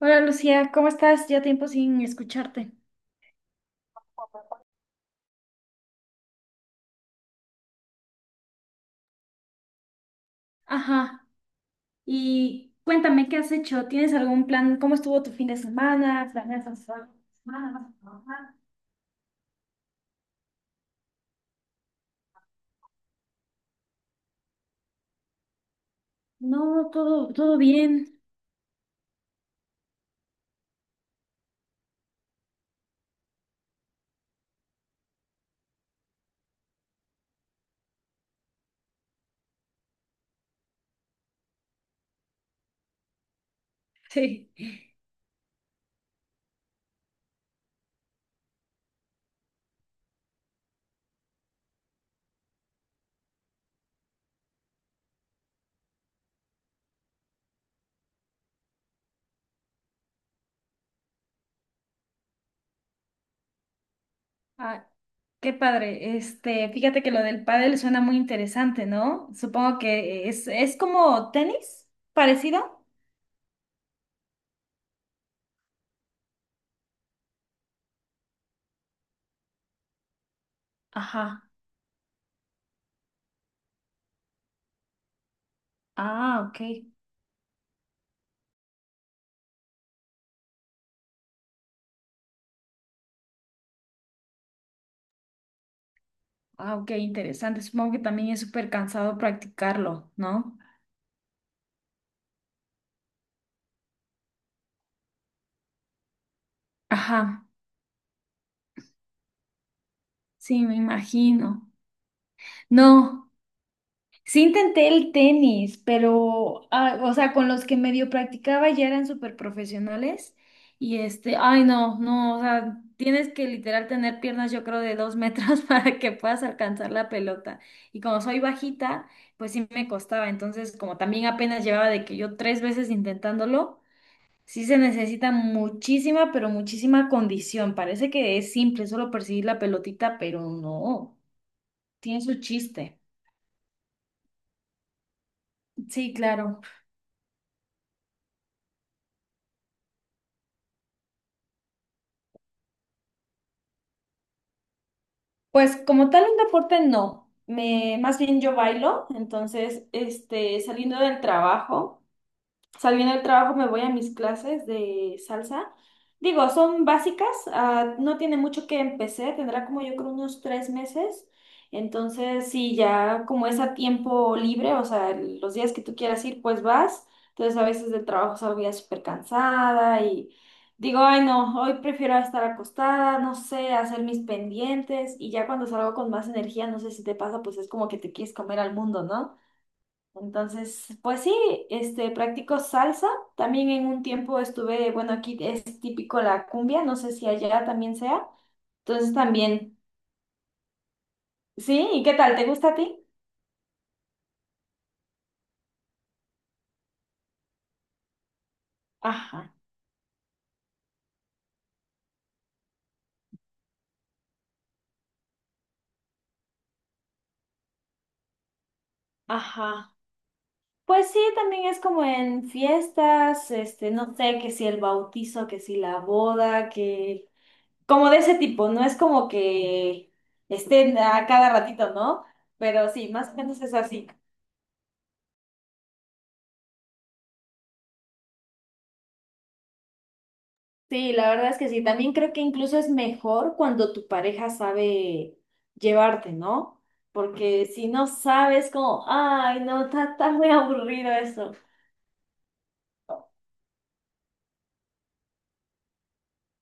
Hola Lucía, ¿cómo estás? Ya tiempo sin escucharte. Ajá. Y cuéntame, ¿qué has hecho? ¿Tienes algún plan? ¿Cómo estuvo tu fin de semana? ¿Planeas hacer algo esta semana? ¿Vas a trabajar? No, todo, todo bien. Sí. Ah, qué padre. Este, fíjate que lo del pádel suena muy interesante, ¿no? Supongo que es como tenis, parecido. Ajá. Ah, ok. Ah, ok, interesante. Supongo que también es súper cansado practicarlo, ¿no? Ajá. Sí, me imagino. No, sí intenté el tenis, pero, ah, o sea, con los que medio practicaba ya eran súper profesionales y este, ay no, no, o sea, tienes que literal tener piernas yo creo de 2 metros para que puedas alcanzar la pelota. Y como soy bajita, pues sí me costaba, entonces como también apenas llevaba de que yo 3 veces intentándolo, sí se necesita muchísima, pero muchísima condición. Parece que es simple, solo perseguir la pelotita, pero no, tiene su chiste. Sí, claro. Pues como tal un deporte no, me, más bien yo bailo, entonces este, saliendo del trabajo. Saliendo del trabajo me voy a mis clases de salsa. Digo, son básicas, ah, no tiene mucho que empecé, tendrá como yo creo unos 3 meses. Entonces, sí, ya como es a tiempo libre, o sea, los días que tú quieras ir, pues vas. Entonces, a veces del trabajo salgo ya súper cansada y digo, ay, no, hoy prefiero estar acostada, no sé, hacer mis pendientes. Y ya cuando salgo con más energía, no sé si te pasa, pues es como que te quieres comer al mundo, ¿no? Entonces, pues sí, este, practico salsa. También en un tiempo estuve, bueno, aquí es típico la cumbia, no sé si allá también sea. Entonces también, sí, ¿y qué tal? ¿Te gusta a ti? Ajá, ajá. Pues sí, también es como en fiestas, este, no sé, que si el bautizo, que si la boda, que como de ese tipo, no es como que estén a cada ratito, ¿no? Pero sí, más o menos es así. Sí, la verdad es que sí. También creo que incluso es mejor cuando tu pareja sabe llevarte, ¿no? Porque si no sabes, como, ay, no, está muy aburrido eso.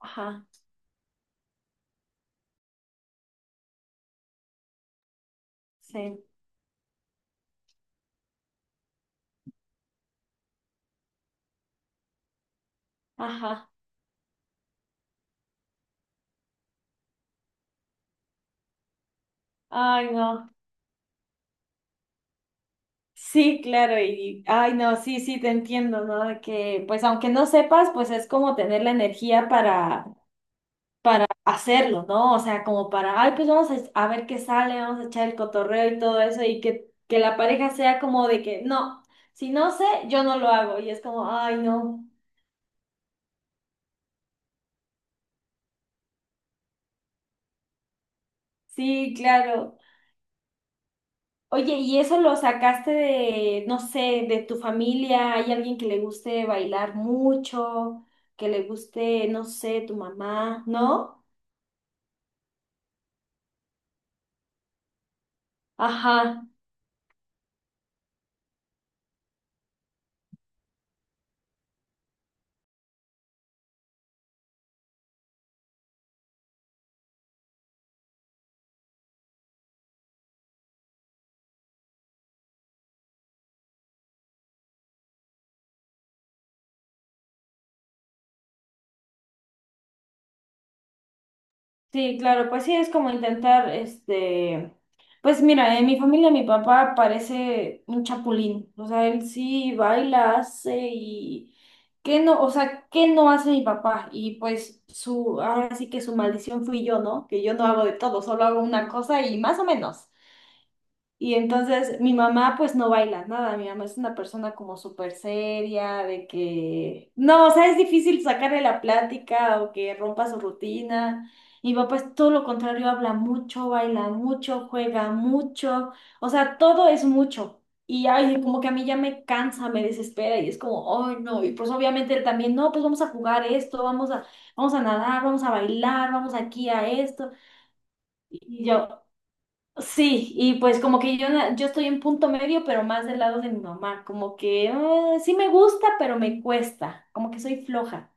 Ajá, sí, ajá, ay, no. Sí, claro, y, ay, no, sí, sí, te entiendo, ¿no? De que, pues, aunque no sepas, pues es como tener la energía para hacerlo, ¿no? O sea, como para, ay, pues vamos a, ver qué sale, vamos a echar el cotorreo y todo eso, y que la pareja sea como de que, no, si no sé, yo no lo hago, y es como, ay, no, sí, claro. Oye, ¿y eso lo sacaste de, no sé, de tu familia? ¿Hay alguien que le guste bailar mucho? ¿Que le guste, no sé, tu mamá? ¿No? Ajá. Sí, claro, pues sí, es como intentar, este, pues mira, en mi familia mi papá parece un chapulín, o sea, él sí baila, hace y qué no, o sea, qué no hace mi papá y pues su, ahora sí que su maldición fui yo, ¿no? Que yo no hago de todo, solo hago una cosa y más o menos. Y entonces mi mamá pues no baila nada, mi mamá es una persona como súper seria, de que, no, o sea, es difícil sacarle la plática o que rompa su rutina. Y mi papá es todo lo contrario, habla mucho, baila mucho, juega mucho, o sea, todo es mucho. Y ay, como que a mí ya me cansa, me desespera y es como, ay, no, y pues obviamente él también, no, pues vamos a jugar esto, vamos a nadar, vamos a bailar, vamos aquí a esto. Y yo, sí, y pues como que yo, yo estoy en punto medio, pero más del lado de mi mamá, como que "Ah, sí me gusta, pero me cuesta, como que soy floja.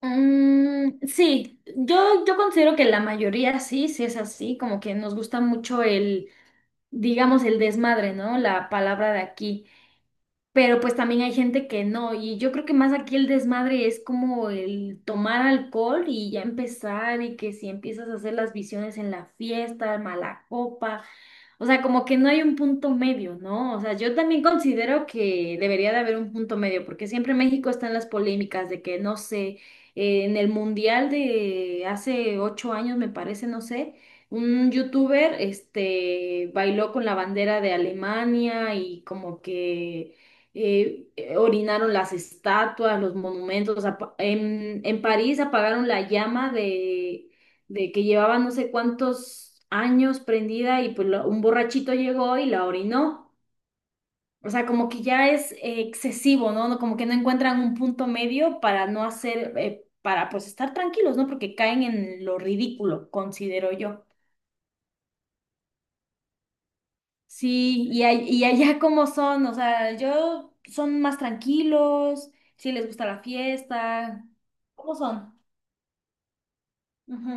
Sí, yo considero que la mayoría sí, sí es así, como que nos gusta mucho el, digamos, el desmadre, ¿no? La palabra de aquí. Pero pues también hay gente que no, y yo creo que más aquí el desmadre es como el tomar alcohol y ya empezar, y que si empiezas a hacer las visiones en la fiesta, mala copa, o sea, como que no hay un punto medio, ¿no? O sea, yo también considero que debería de haber un punto medio, porque siempre México está en las polémicas de que, no sé, en el mundial de hace 8 años, me parece, no sé. Un youtuber, este, bailó con la bandera de Alemania y como que orinaron las estatuas, los monumentos. En París apagaron la llama de, que llevaba no sé cuántos años prendida y pues un borrachito llegó y la orinó. O sea, como que ya es excesivo, ¿no? No, como que no encuentran un punto medio para no hacer, para pues estar tranquilos, ¿no? Porque caen en lo ridículo, considero yo. Sí, y, y allá cómo son, o sea, yo son más tranquilos, si les gusta la fiesta. ¿Cómo son? Ujú.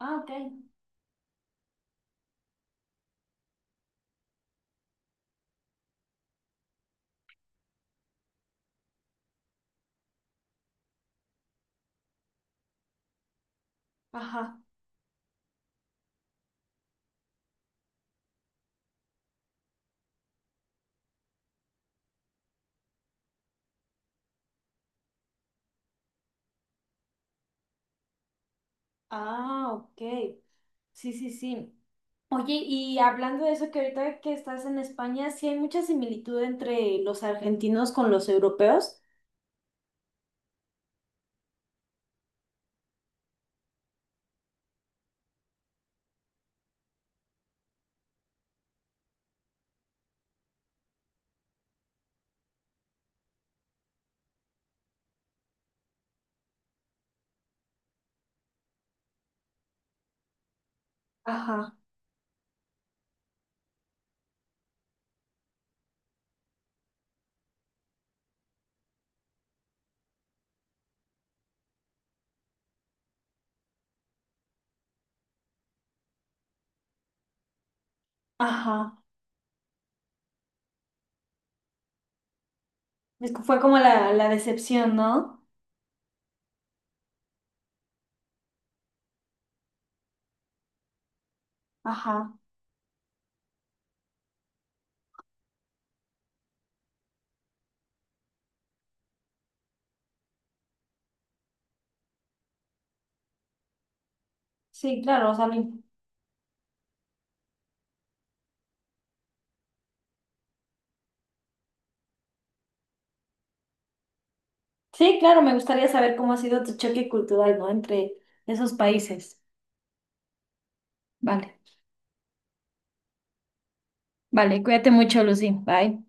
Ah, ok. Ajá. Ah, ok. Sí, sí, sí. Oye, y hablando de eso, que ahorita que estás en España, sí hay mucha similitud entre los argentinos con los europeos. Ajá. Ajá. Es que fue como la decepción, ¿no? Ajá. Sí, claro, o sea, lo. Sí, claro, me gustaría saber cómo ha sido tu choque cultural, ¿no? Entre esos países. Vale, vale, cuídate mucho, Lucy. Bye.